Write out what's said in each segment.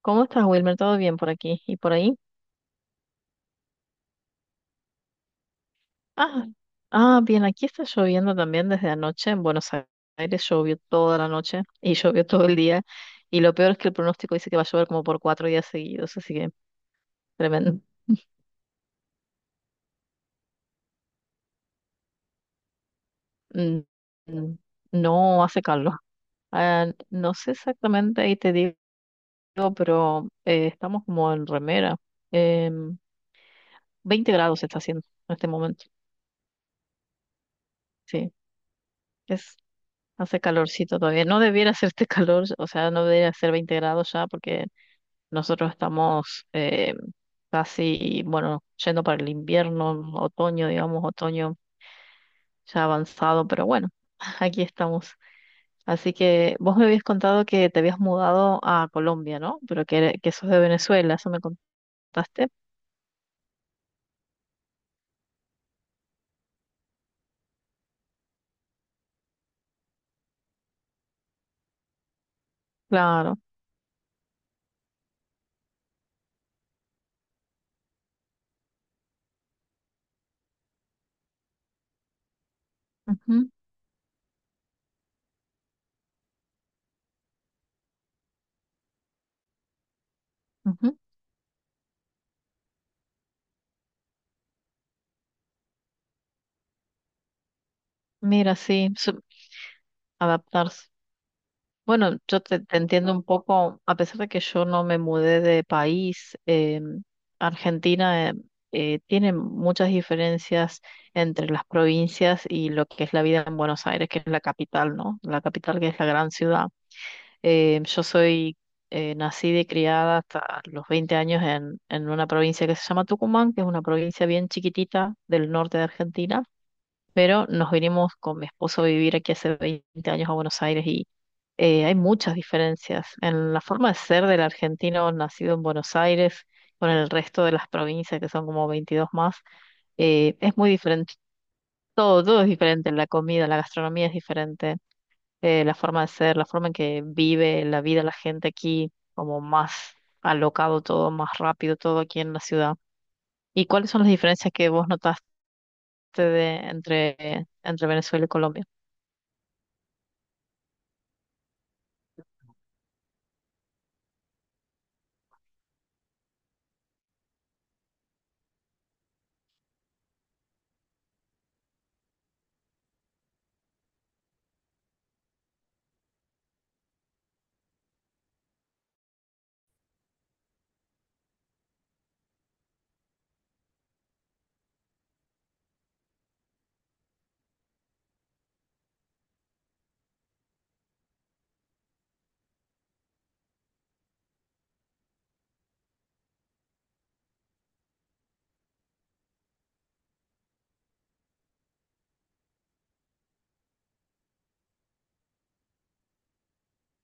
¿Cómo estás, Wilmer? ¿Todo bien por aquí y por ahí? Ah, ah, bien, aquí está lloviendo también desde anoche. En Buenos Aires llovió toda la noche y llovió todo el día. Y lo peor es que el pronóstico dice que va a llover como por 4 días seguidos, así que tremendo. Mm, mm, No hace calor. Ah, no sé exactamente, ahí te digo, pero estamos como en remera. Em, 20 grados está haciendo en este momento. Sí, es, hace calorcito todavía. No debiera hacer este calor, o sea, no debiera ser 20 grados ya, porque nosotros estamos casi, bueno, yendo para el invierno, otoño, digamos, otoño ya avanzado, pero bueno, aquí estamos. Así que vos me habías contado que te habías mudado a Colombia, ¿no? Pero que sos de Venezuela, eso me contaste. Claro. Ujú, ujú. Mira, sí, adaptarse. Bueno, yo te entiendo un poco, a pesar de que yo no me mudé de país, Argentina tiene muchas diferencias entre las provincias y lo que es la vida en Buenos Aires, que es la capital, ¿no? La capital que es la gran ciudad. Yo soy nacida y criada hasta los 20 años en, una provincia que se llama Tucumán, que es una provincia bien chiquitita del norte de Argentina, pero nos vinimos con mi esposo a vivir aquí hace 20 años a Buenos Aires y hay muchas diferencias en la forma de ser del argentino nacido en Buenos Aires con el resto de las provincias, que son como 22 más. Es muy diferente, todo, todo es diferente, la comida, la gastronomía es diferente, la forma de ser, la forma en que vive la vida la gente aquí, como más alocado todo, más rápido todo aquí en la ciudad. ¿Y cuáles son las diferencias que vos notaste entre Venezuela y Colombia?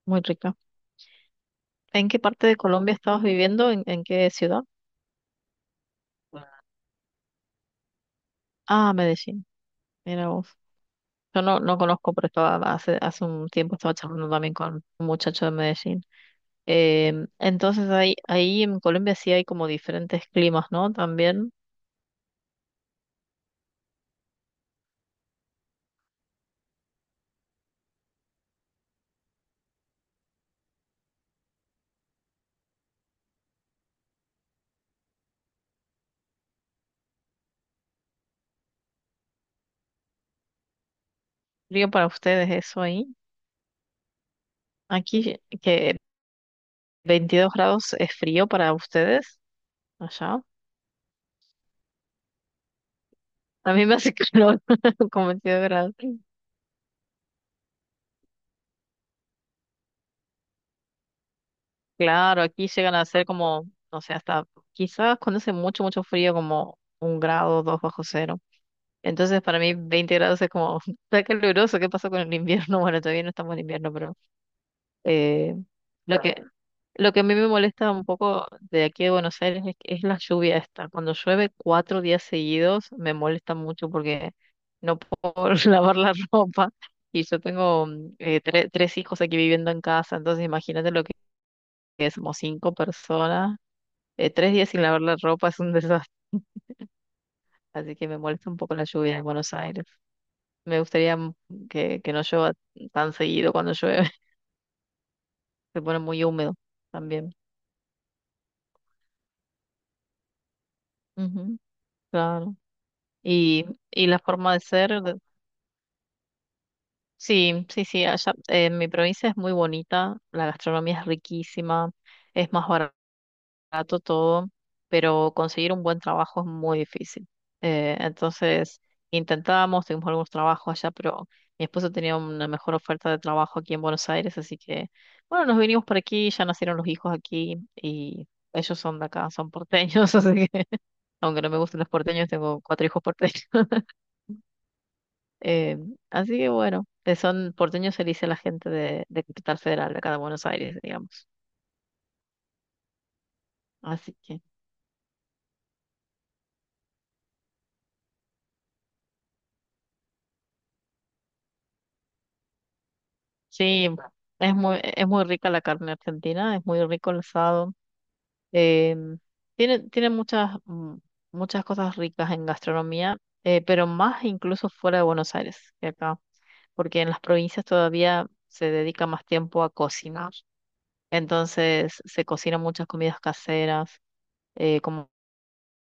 Muy rica. ¿En qué parte de Colombia estabas viviendo? ¿En qué ciudad? Ah, Medellín. Mira vos. Yo no, no conozco, pero estaba hace un tiempo estaba charlando también con un muchacho de Medellín. Entonces ahí en Colombia sí hay como diferentes climas, ¿no? También frío para ustedes eso ahí. Aquí que 22 grados es frío para ustedes, allá. A mí me hace calor con 22 grados. Claro, aquí llegan a ser como, no sé, hasta quizás cuando hace mucho, mucho frío, como un grado, dos bajo cero. Entonces, para mí, 20 grados es como, está caluroso, ¿qué pasó con el invierno? Bueno, todavía no estamos en invierno, pero eh, lo que, lo que a mí me molesta un poco de aquí de Buenos Aires es la lluvia esta. Cuando llueve 4 días seguidos, me molesta mucho porque no puedo lavar la ropa. Y yo tengo tres hijos aquí viviendo en casa, entonces imagínate lo que somos cinco personas 3 días sin lavar la ropa es un desastre, así que me molesta un poco la lluvia en Buenos Aires. Me gustaría que no llueva tan seguido cuando llueve, se pone muy húmedo también. Ujú, claro. Y, y la forma de ser, sí, sí, sí, allá en mi provincia es muy bonita, la gastronomía es riquísima, es más barata barato todo, pero conseguir un buen trabajo es muy difícil. Entonces intentábamos, tuvimos algunos trabajos allá, pero mi esposo tenía una mejor oferta de trabajo aquí en Buenos Aires, así que bueno, nos vinimos por aquí, ya nacieron los hijos aquí y ellos son de acá, son porteños, así que aunque no me gusten los porteños, tengo cuatro hijos porteños. Eh, Así que bueno, son porteños, se le dice a la gente de Capital Federal, de acá de Buenos Aires, digamos. Así que... Sí, es muy rica la carne argentina, es muy rico el asado. eh, tiene muchas cosas ricas en gastronomía, pero más incluso fuera de Buenos Aires que acá, porque en las provincias todavía se dedica más tiempo a cocinar. Entonces se cocinan muchas comidas caseras, eh, como,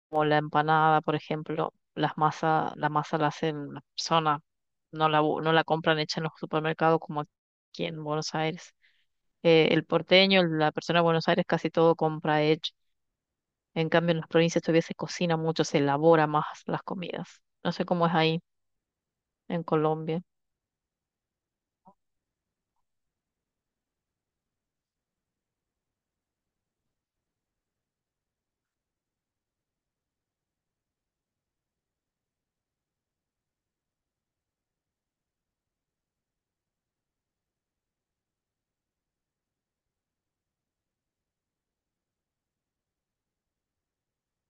como la empanada, por ejemplo. La masa la hacen la persona, no la compran hecha en los supermercados como aquí en Buenos Aires el porteño, la persona de Buenos Aires, casi todo compra hecho. En cambio, en las provincias todavía se cocina mucho, se elabora más las comidas. No sé cómo es ahí en Colombia.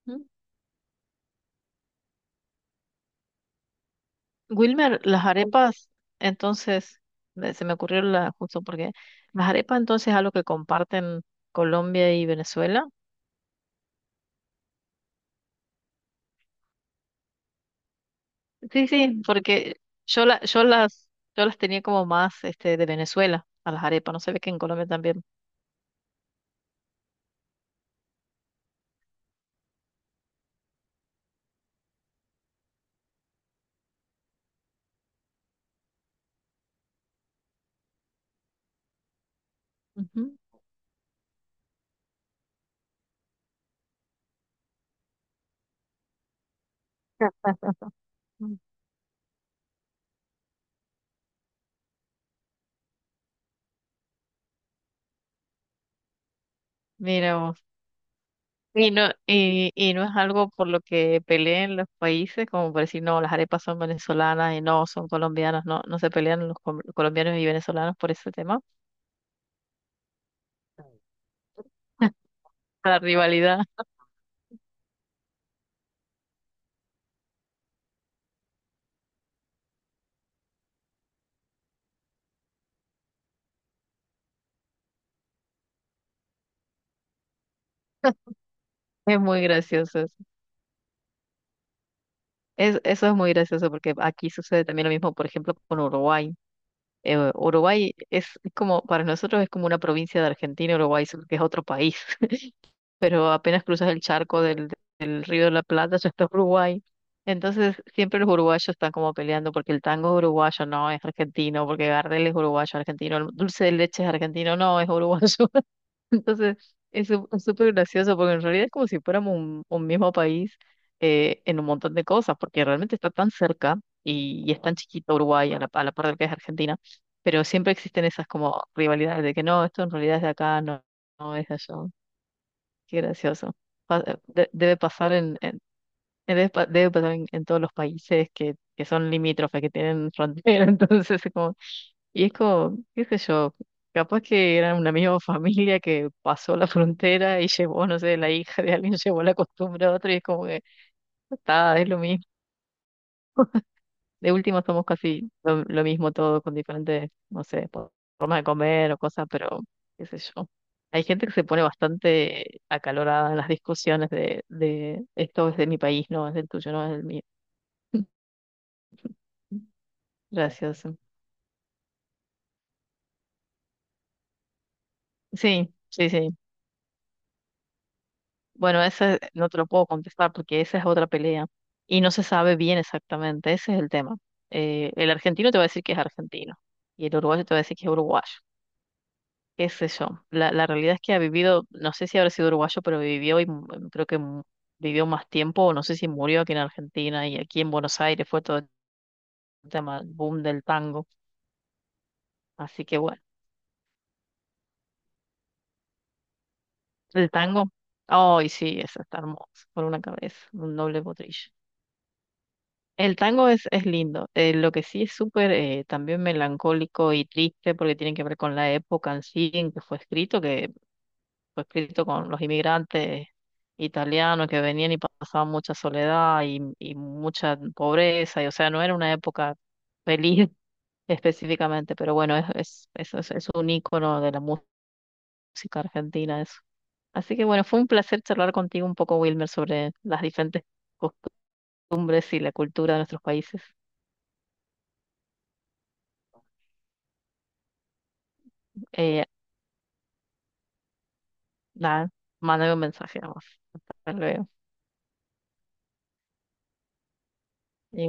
¿Mm? Wilmer, las arepas, entonces, se me ocurrió la, justo porque las arepas entonces es algo que comparten Colombia y Venezuela. Sí, sí, porque yo, la, yo las, yo las tenía como más este, de Venezuela, a las arepas, no se ve que en Colombia también. Ujú. Claro. Mira. Y no, y no es algo por lo que peleen los países, como por decir, no, las arepas son venezolanas y no, son colombianas, no, no se pelean los colombianos y venezolanos por ese tema. La rivalidad. Es muy gracioso eso. Eso es muy gracioso porque aquí sucede también lo mismo, por ejemplo, con Uruguay. Uruguay es como, para nosotros es como una provincia de Argentina, Uruguay, solo que es otro país. Pero apenas cruzas el charco del Río de la Plata, ya está Uruguay. Entonces, siempre los uruguayos están como peleando porque el tango es uruguayo, no es argentino, porque Gardel es uruguayo, argentino, el dulce de leche es argentino, no es uruguayo. Entonces, es súper gracioso porque en realidad es como si fuéramos un mismo país en un montón de cosas, porque realmente está tan cerca y es tan chiquito Uruguay a la par del que es Argentina, pero siempre existen esas como rivalidades de que no, esto en realidad es de acá, no, no es de allá. Qué gracioso. Debe pasar en- debe, pa- debe pasar en todos los países que son limítrofes, que tienen frontera, entonces es como, y es como, qué sé yo, capaz que eran una misma familia que pasó la frontera y llevó, no sé, la hija de alguien llevó la costumbre a otro y es como que está, es lo mismo. De último somos casi lo mismo todo, con diferentes, no sé, formas de comer o cosas, pero qué sé yo. Hay gente que se pone bastante acalorada en las discusiones de esto es de mi país, no es del tuyo, no es del mío. Gracioso. Sí, sí, sí. Bueno, ese no te lo puedo contestar porque esa es otra pelea y no se sabe bien exactamente, ese es el tema. El argentino te va a decir que es argentino y el uruguayo te va a decir que es uruguayo. Qué sé yo. La realidad es que ha vivido, no sé si habrá sido uruguayo, pero vivió y creo que vivió más tiempo, no sé si murió aquí en Argentina y aquí en Buenos Aires fue todo el tema, el boom del tango. Así que bueno, el tango, ay sí, eso está hermoso, por una cabeza, un doble potrillo. El tango es lindo, lo que sí es súper también melancólico y triste porque tiene que ver con la época en sí en que fue escrito con los inmigrantes italianos que venían y pasaban mucha soledad y mucha pobreza, y o sea, no era una época feliz específicamente, pero bueno, es un ícono de la música argentina eso. Así que bueno, fue un placer charlar contigo un poco, Wilmer, sobre las diferentes costumbres y la cultura de nuestros países. Eh, nada, mándame un mensaje, vamos. Hasta luego. Igual.